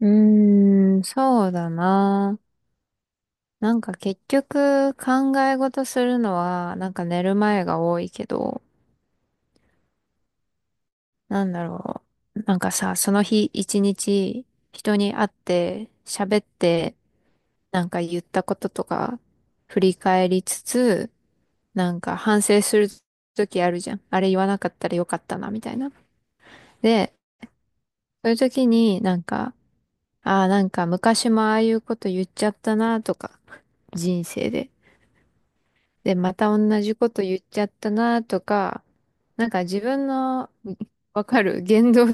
うーん、そうだな。なんか結局考え事するのはなんか寝る前が多いけど、なんだろう。なんかさ、その日一日人に会って喋ってなんか言ったこととか振り返りつつ、なんか反省する時あるじゃん。あれ言わなかったらよかったなみたいな。で、そういう時になんか、ああ、なんか昔もああいうこと言っちゃったなとか、人生で。で、また同じこと言っちゃったなとか、なんか自分のわかる言動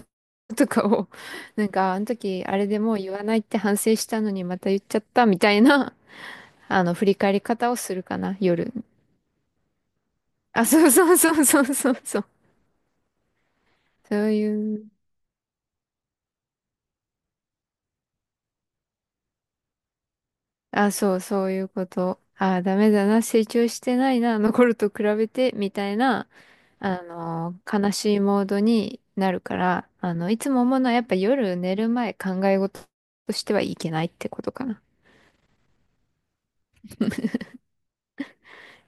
とかを、なんかあの時あれでもう言わないって反省したのにまた言っちゃったみたいな、あの、振り返り方をするかな、夜。あ、そうそうそうそうそうそう。そういう。あ、そう、そういうこと。ああ、ダメだな、成長してないな、残ると比べて、みたいな、悲しいモードになるから、いつも思うのはやっぱ夜寝る前考え事としてはいけないってことかな。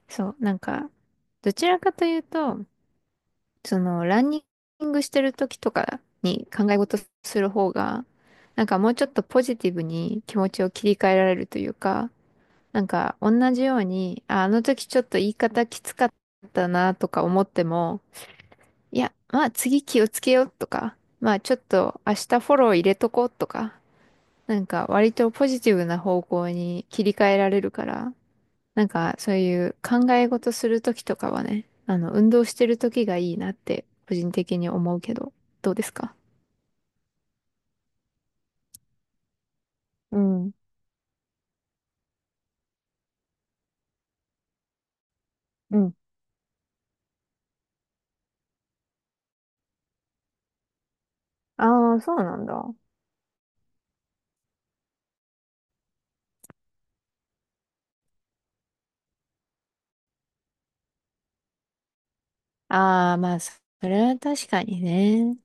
そう、なんか、どちらかというと、その、ランニングしてる時とかに考え事する方が、なんかもうちょっとポジティブに気持ちを切り替えられるというか、なんか同じように、あ、あの時ちょっと言い方きつかったなとか思っても、いや、まあ次気をつけようとか、まあちょっと明日フォロー入れとこうとか、なんか割とポジティブな方向に切り替えられるから、なんかそういう考え事する時とかはね、あの運動してる時がいいなって個人的に思うけど、どうですか？うん。うん。ああ、そうなんだ。ああー、まあそれは確かにね。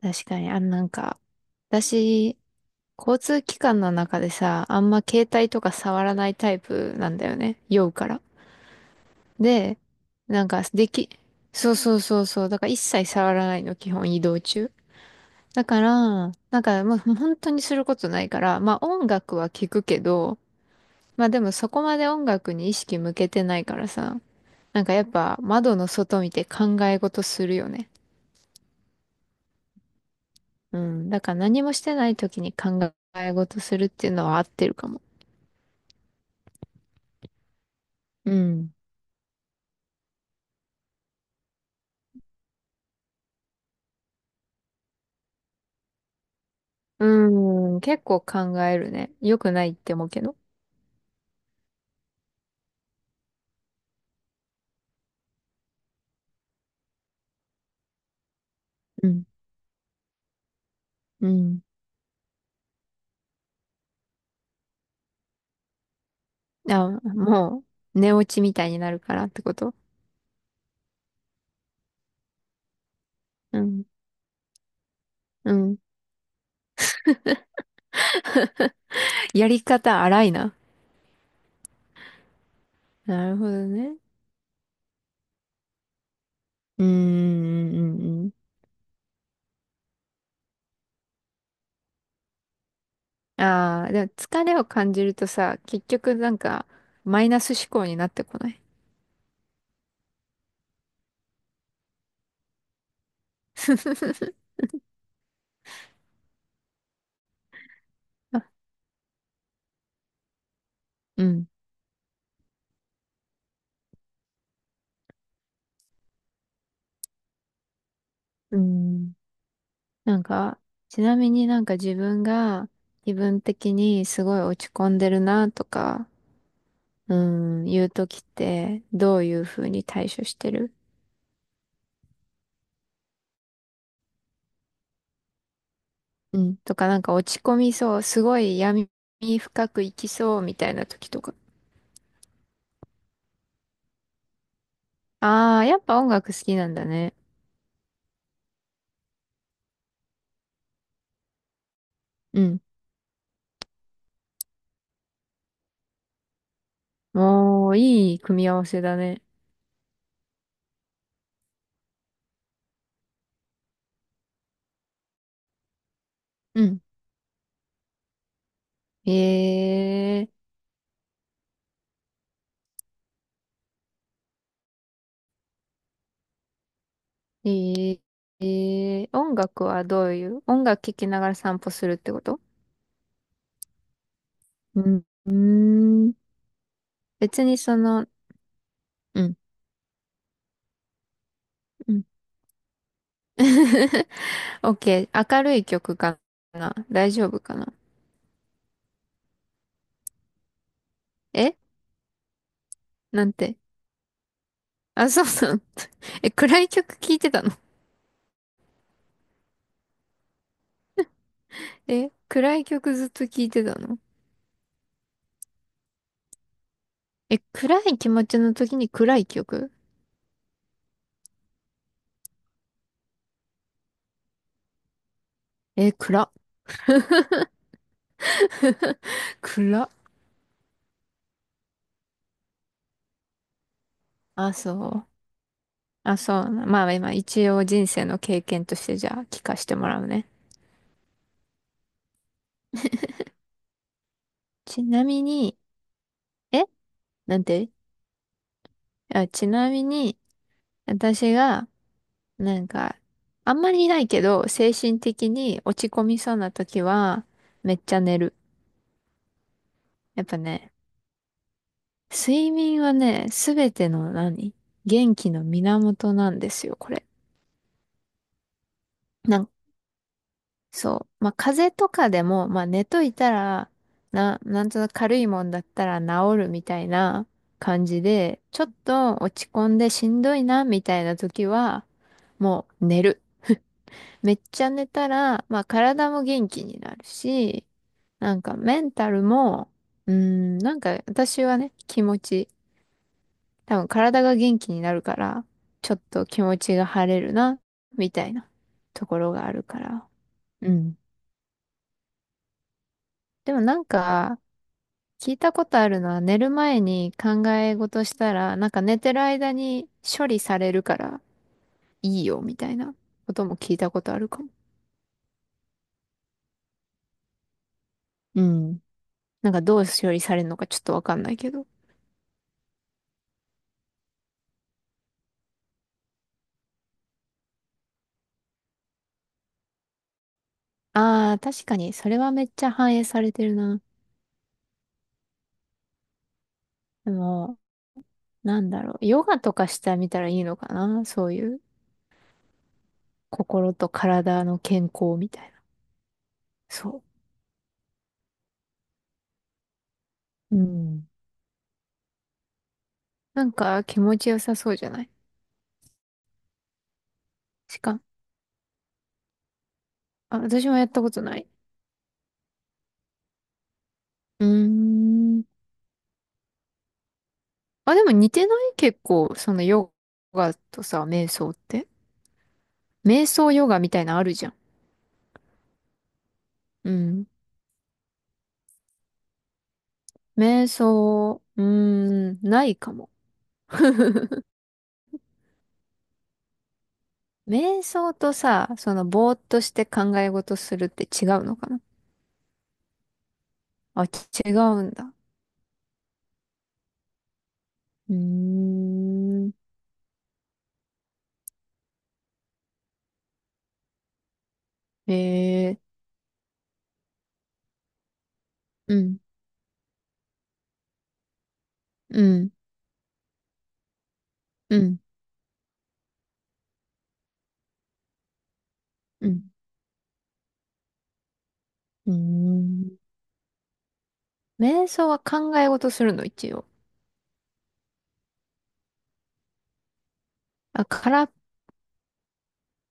確かに、なんか、私、交通機関の中でさ、あんま携帯とか触らないタイプなんだよね。酔うから。で、なんか、そうそうそうそう。だから一切触らないの、基本移動中。だから、なんか、まあ、本当にすることないから、まあ音楽は聞くけど、まあでもそこまで音楽に意識向けてないからさ、なんかやっぱ窓の外見て考え事するよね。うん。だから何もしてない時に考え事するっていうのは合ってるかも。うん。うん。結構考えるね。良くないって思うけど。うん。うん。あ、もう、寝落ちみたいになるからってこと？うん。うん。やり方荒いな。なるほどね。うーん。うんうんうん。ああ、でも疲れを感じるとさ、結局なんか、マイナス思考になってこない？あうん。うん。なんか、ちなみになんか自分が気分的にすごい落ち込んでるなとか、うん、いう時ってどういうふうに対処してる？うん。とかなんか落ち込みそう、すごい闇深く生きそうみたいな時とか。ああ、やっぱ音楽好きなんだね。うん。おー、いい組み合わせだね。うん。えー、え音楽はどういう音楽聴きながら散歩するってこと？うん。うーん別にその、うん、うん。オッケー、明るい曲かな大丈夫かな？えなんて？あ、そうそう。え、暗い曲聴いてたの？え、暗い曲ずっと聴いてたの？え、暗い気持ちの時に暗い曲？え、暗。暗。あ、そう。あ、そうな。まあ今、一応人生の経験としてじゃあ聞かせてもらうね。ちなみに、えなんて？あ、ちなみに、私が、なんか、あんまりないけど、精神的に落ち込みそうな時は、めっちゃ寝る。やっぱね、睡眠はね、すべての何元気の源なんですよ、これ。なんそう。まあ、風邪とかでも、まあ、寝といたら、なんとなく軽いもんだったら治るみたいな感じで、ちょっと落ち込んでしんどいな、みたいな時は、もう寝る。めっちゃ寝たら、まあ体も元気になるし、なんかメンタルも、うーん、なんか私はね、気持ち、多分体が元気になるから、ちょっと気持ちが晴れるな、みたいなところがあるから。うん。でもなんか、聞いたことあるのは寝る前に考え事したら、なんか寝てる間に処理されるからいいよ、みたいなことも聞いたことあるかも。うん。なんかどう処理されるのかちょっとわかんないけど。ああ、確かに、それはめっちゃ反映されてるな。でも、なんだろう、ヨガとかしてみたらいいのかな？そういう心と体の健康みたいな。そう。うん。なんか気持ちよさそうじゃない？しか、あ、私もやったことない。うーん。あ、でも似てない結構、そのヨガとさ、瞑想って。瞑想ヨガみたいなのあるじゃん。うん。瞑想、うーん、ないかも。瞑想とさ、そのぼーっとして考え事するって違うのかな？あ、違うんだ。うーん。ええうん、うん、うん、うん。うーん。瞑想は考え事するの、一応？あ、空、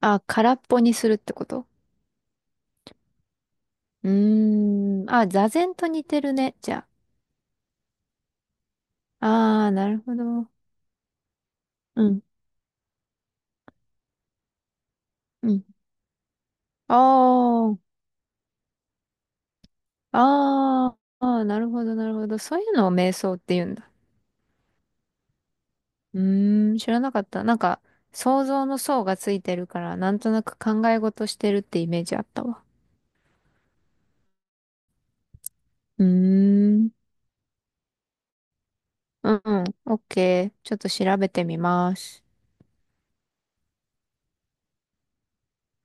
あ、空っぽにするってこと？うーん。あ、座禅と似てるね、じゃあ。あー、なるほど。うん、うん。あー、ああ、あーなるほど、なるほど。そういうのを瞑想って言うんだ。うーん、知らなかった。なんか、想像の想がついてるから、なんとなく考え事してるってイメージあったわ。うーん。うん、オッケー。ちょっと調べてみます。